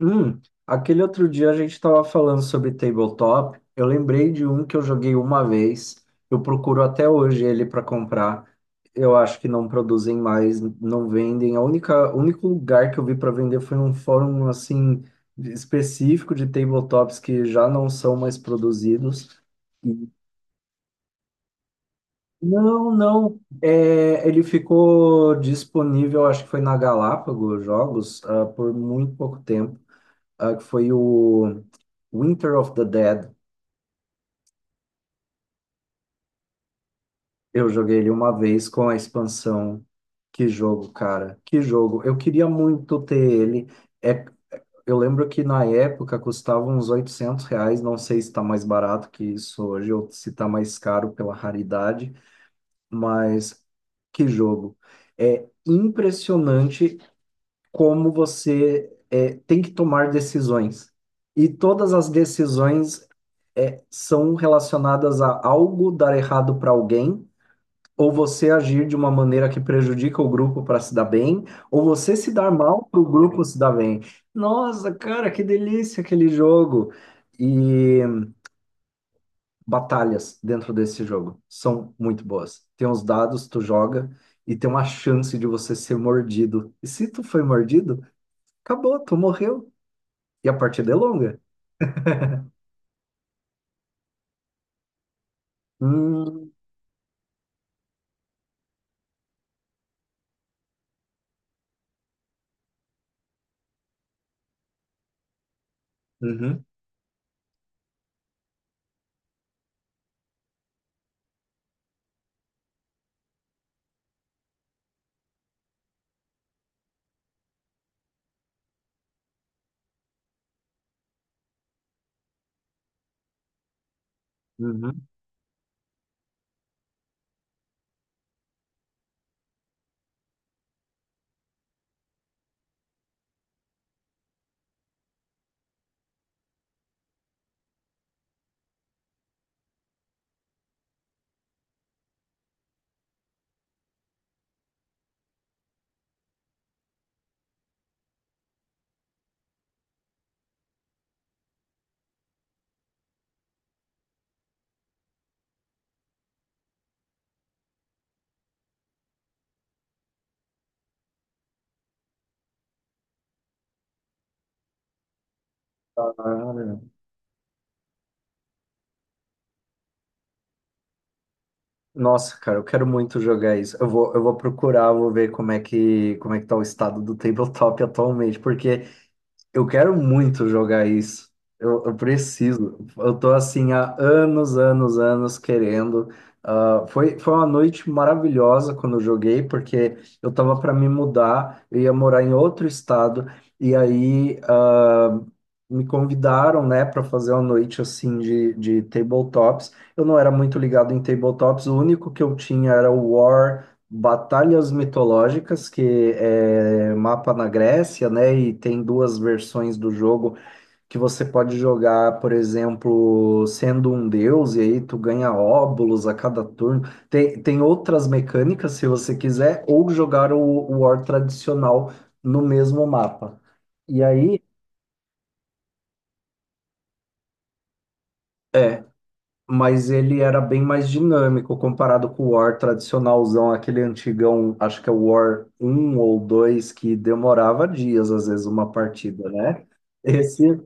Hum, aquele outro dia a gente estava falando sobre tabletop. Eu lembrei de um que eu joguei uma vez. Eu procuro até hoje ele para comprar. Eu acho que não produzem mais, não vendem. O único lugar que eu vi para vender foi um fórum assim específico de tabletops que já não são mais produzidos. E- Não, não. É, ele ficou disponível, acho que foi na Galápagos Jogos, por muito pouco tempo, que foi o Winter of the Dead. Eu joguei ele uma vez com a expansão. Que jogo, cara. Que jogo. Eu queria muito ter ele. É, eu lembro que na época custava uns R$ 800. Não sei se está mais barato que isso hoje ou se está mais caro pela raridade. Mas que jogo. É impressionante como tem que tomar decisões. E todas as decisões são relacionadas a algo dar errado para alguém, ou você agir de uma maneira que prejudica o grupo para se dar bem, ou você se dar mal para o grupo se dar bem. Nossa, cara, que delícia aquele jogo! E batalhas dentro desse jogo são muito boas. Tem os dados, tu joga e tem uma chance de você ser mordido. E se tu foi mordido, acabou, tu morreu. E a partida é longa. Hum. Uhum. Uhum. Nossa, cara, eu quero muito jogar isso. Eu vou procurar, vou ver como é que tá o estado do tabletop atualmente, porque eu quero muito jogar isso. Eu preciso. Eu tô assim há anos, anos, anos querendo. Ah, foi uma noite maravilhosa quando eu joguei, porque eu tava para me mudar, eu ia morar em outro estado, e aí, me convidaram, né, para fazer uma noite assim de, tabletops. Eu não era muito ligado em tabletops, o único que eu tinha era o War. Batalhas Mitológicas, que é mapa na Grécia, né? E tem duas versões do jogo que você pode jogar, por exemplo, sendo um deus, e aí tu ganha óbulos a cada turno. Tem outras mecânicas, se você quiser, ou jogar o War tradicional no mesmo mapa. E aí. Mas ele era bem mais dinâmico comparado com o War tradicionalzão, aquele antigão, acho que é o War um ou 2 que demorava dias, às vezes, uma partida, né? Esse,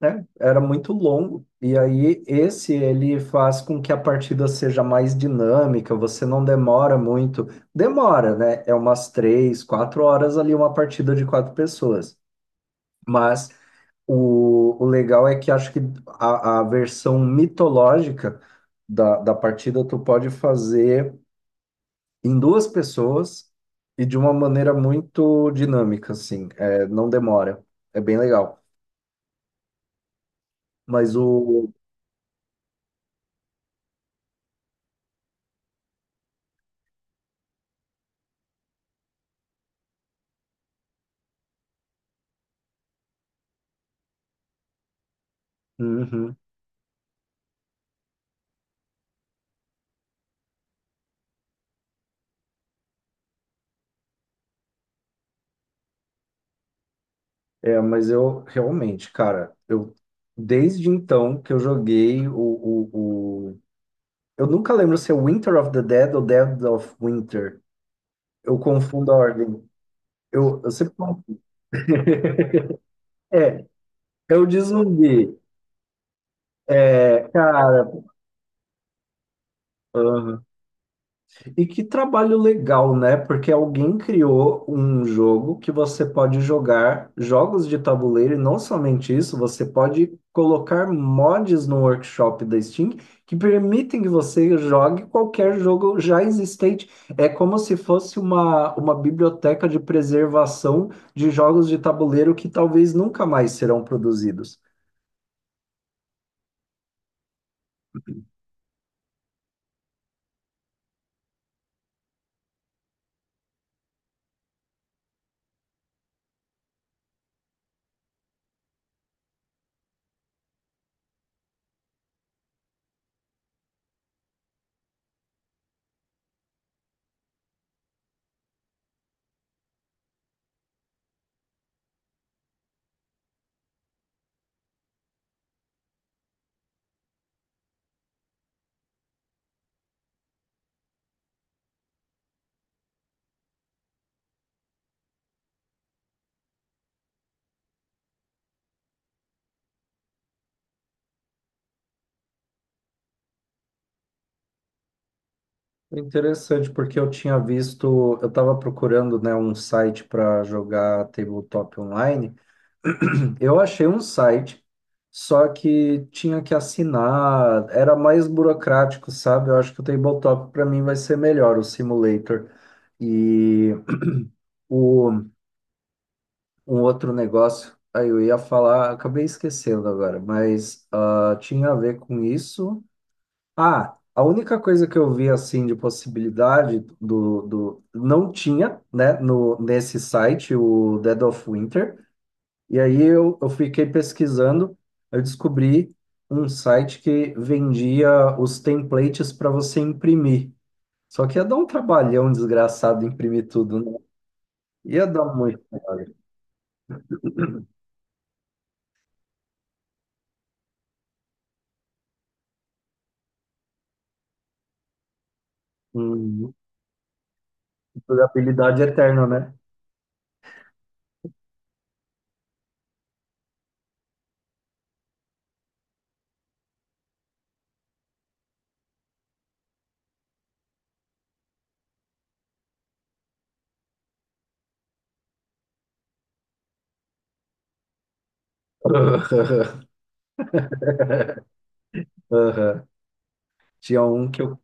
né, era muito longo. E aí, esse, ele faz com que a partida seja mais dinâmica, você não demora muito. Demora, né? É umas 3, 4 horas ali, uma partida de 4 pessoas. Mas O, o legal é que acho que a versão mitológica da partida tu pode fazer em 2 pessoas e de uma maneira muito dinâmica, assim, é, não demora, é bem legal. Mas o. Uhum. É, mas eu realmente, cara, eu desde então que eu joguei o Eu nunca lembro se é Winter of the Dead ou Dead of Winter. Eu confundo a ordem. Eu sempre confundo. É, eu de zumbi. É, cara, aham. E que trabalho legal, né? Porque alguém criou um jogo que você pode jogar jogos de tabuleiro e não somente isso, você pode colocar mods no workshop da Steam que permitem que você jogue qualquer jogo já existente. É como se fosse uma biblioteca de preservação de jogos de tabuleiro que talvez nunca mais serão produzidos. Interessante, porque eu tinha visto, eu estava procurando, né, um site para jogar tabletop online. Eu achei um site, só que tinha que assinar, era mais burocrático, sabe? Eu acho que o tabletop para mim vai ser melhor, o simulator. E o, um outro negócio, aí eu ia falar, acabei esquecendo agora, mas tinha a ver com isso. Ah, a única coisa que eu vi assim de possibilidade do não tinha, né, no nesse site o Dead of Winter. E aí eu fiquei pesquisando, eu descobri um site que vendia os templates para você imprimir. Só que ia dar um trabalhão desgraçado imprimir tudo, né? Ia dar muito trabalho. Hum, durabilidade eterna, né? Aham. Tinha um que eu...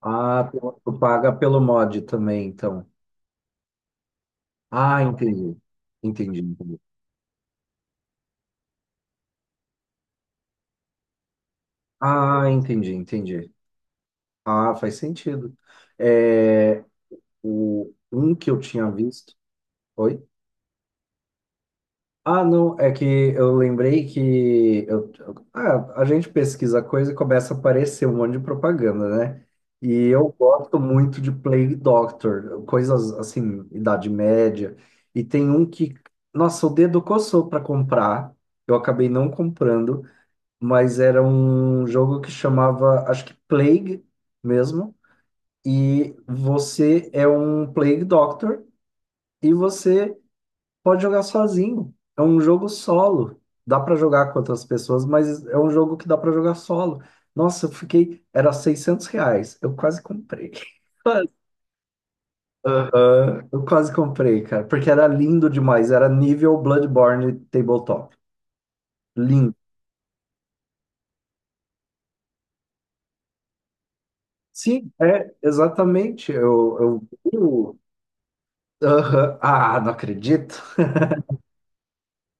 Ah, tu paga pelo mod também, então. Ah, entendi. Entendi, entendi. Ah, entendi, entendi. Ah, faz sentido. É, o, um que eu tinha visto. Oi? Ah, não, é que eu lembrei que a gente pesquisa coisa e começa a aparecer um monte de propaganda, né? E eu gosto muito de Plague Doctor, coisas assim, Idade Média. E tem um que, nossa, o dedo coçou para comprar, eu acabei não comprando, mas era um jogo que chamava, acho que Plague mesmo. E você é um Plague Doctor e você pode jogar sozinho. É um jogo solo. Dá para jogar com outras pessoas, mas é um jogo que dá para jogar solo. Nossa, eu fiquei. Era R$ 600. Eu quase comprei. Quase. Aham. Eu quase comprei, cara, porque era lindo demais. Era nível Bloodborne Tabletop. Lindo. Sim, é, exatamente. Eu vi. Aham. Ah, não acredito.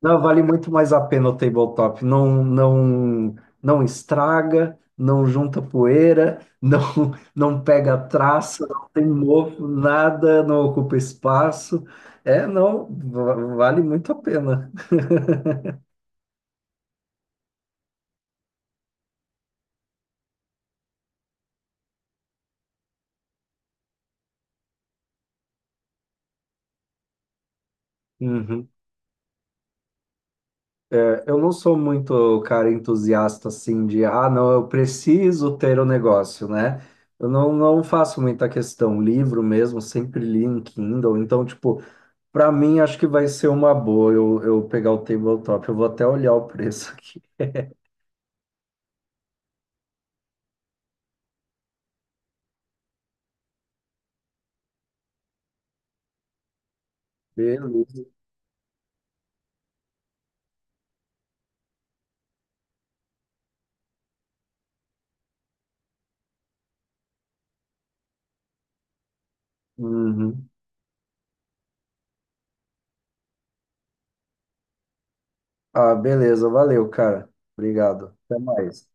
Não, vale muito mais a pena o tabletop. Não, não, não estraga, não junta poeira, não pega traça, não tem mofo, nada, não ocupa espaço. É, não, vale muito a pena. Uhum. Eu não sou muito cara entusiasta assim de, ah, não, eu preciso ter o negócio, né? Eu não faço muita questão. Livro mesmo, sempre li em Kindle. Então, tipo, para mim, acho que vai ser uma boa eu pegar o tabletop. Eu vou até olhar o preço aqui. Beleza. Uhum. Ah, beleza. Valeu, cara. Obrigado. Até mais.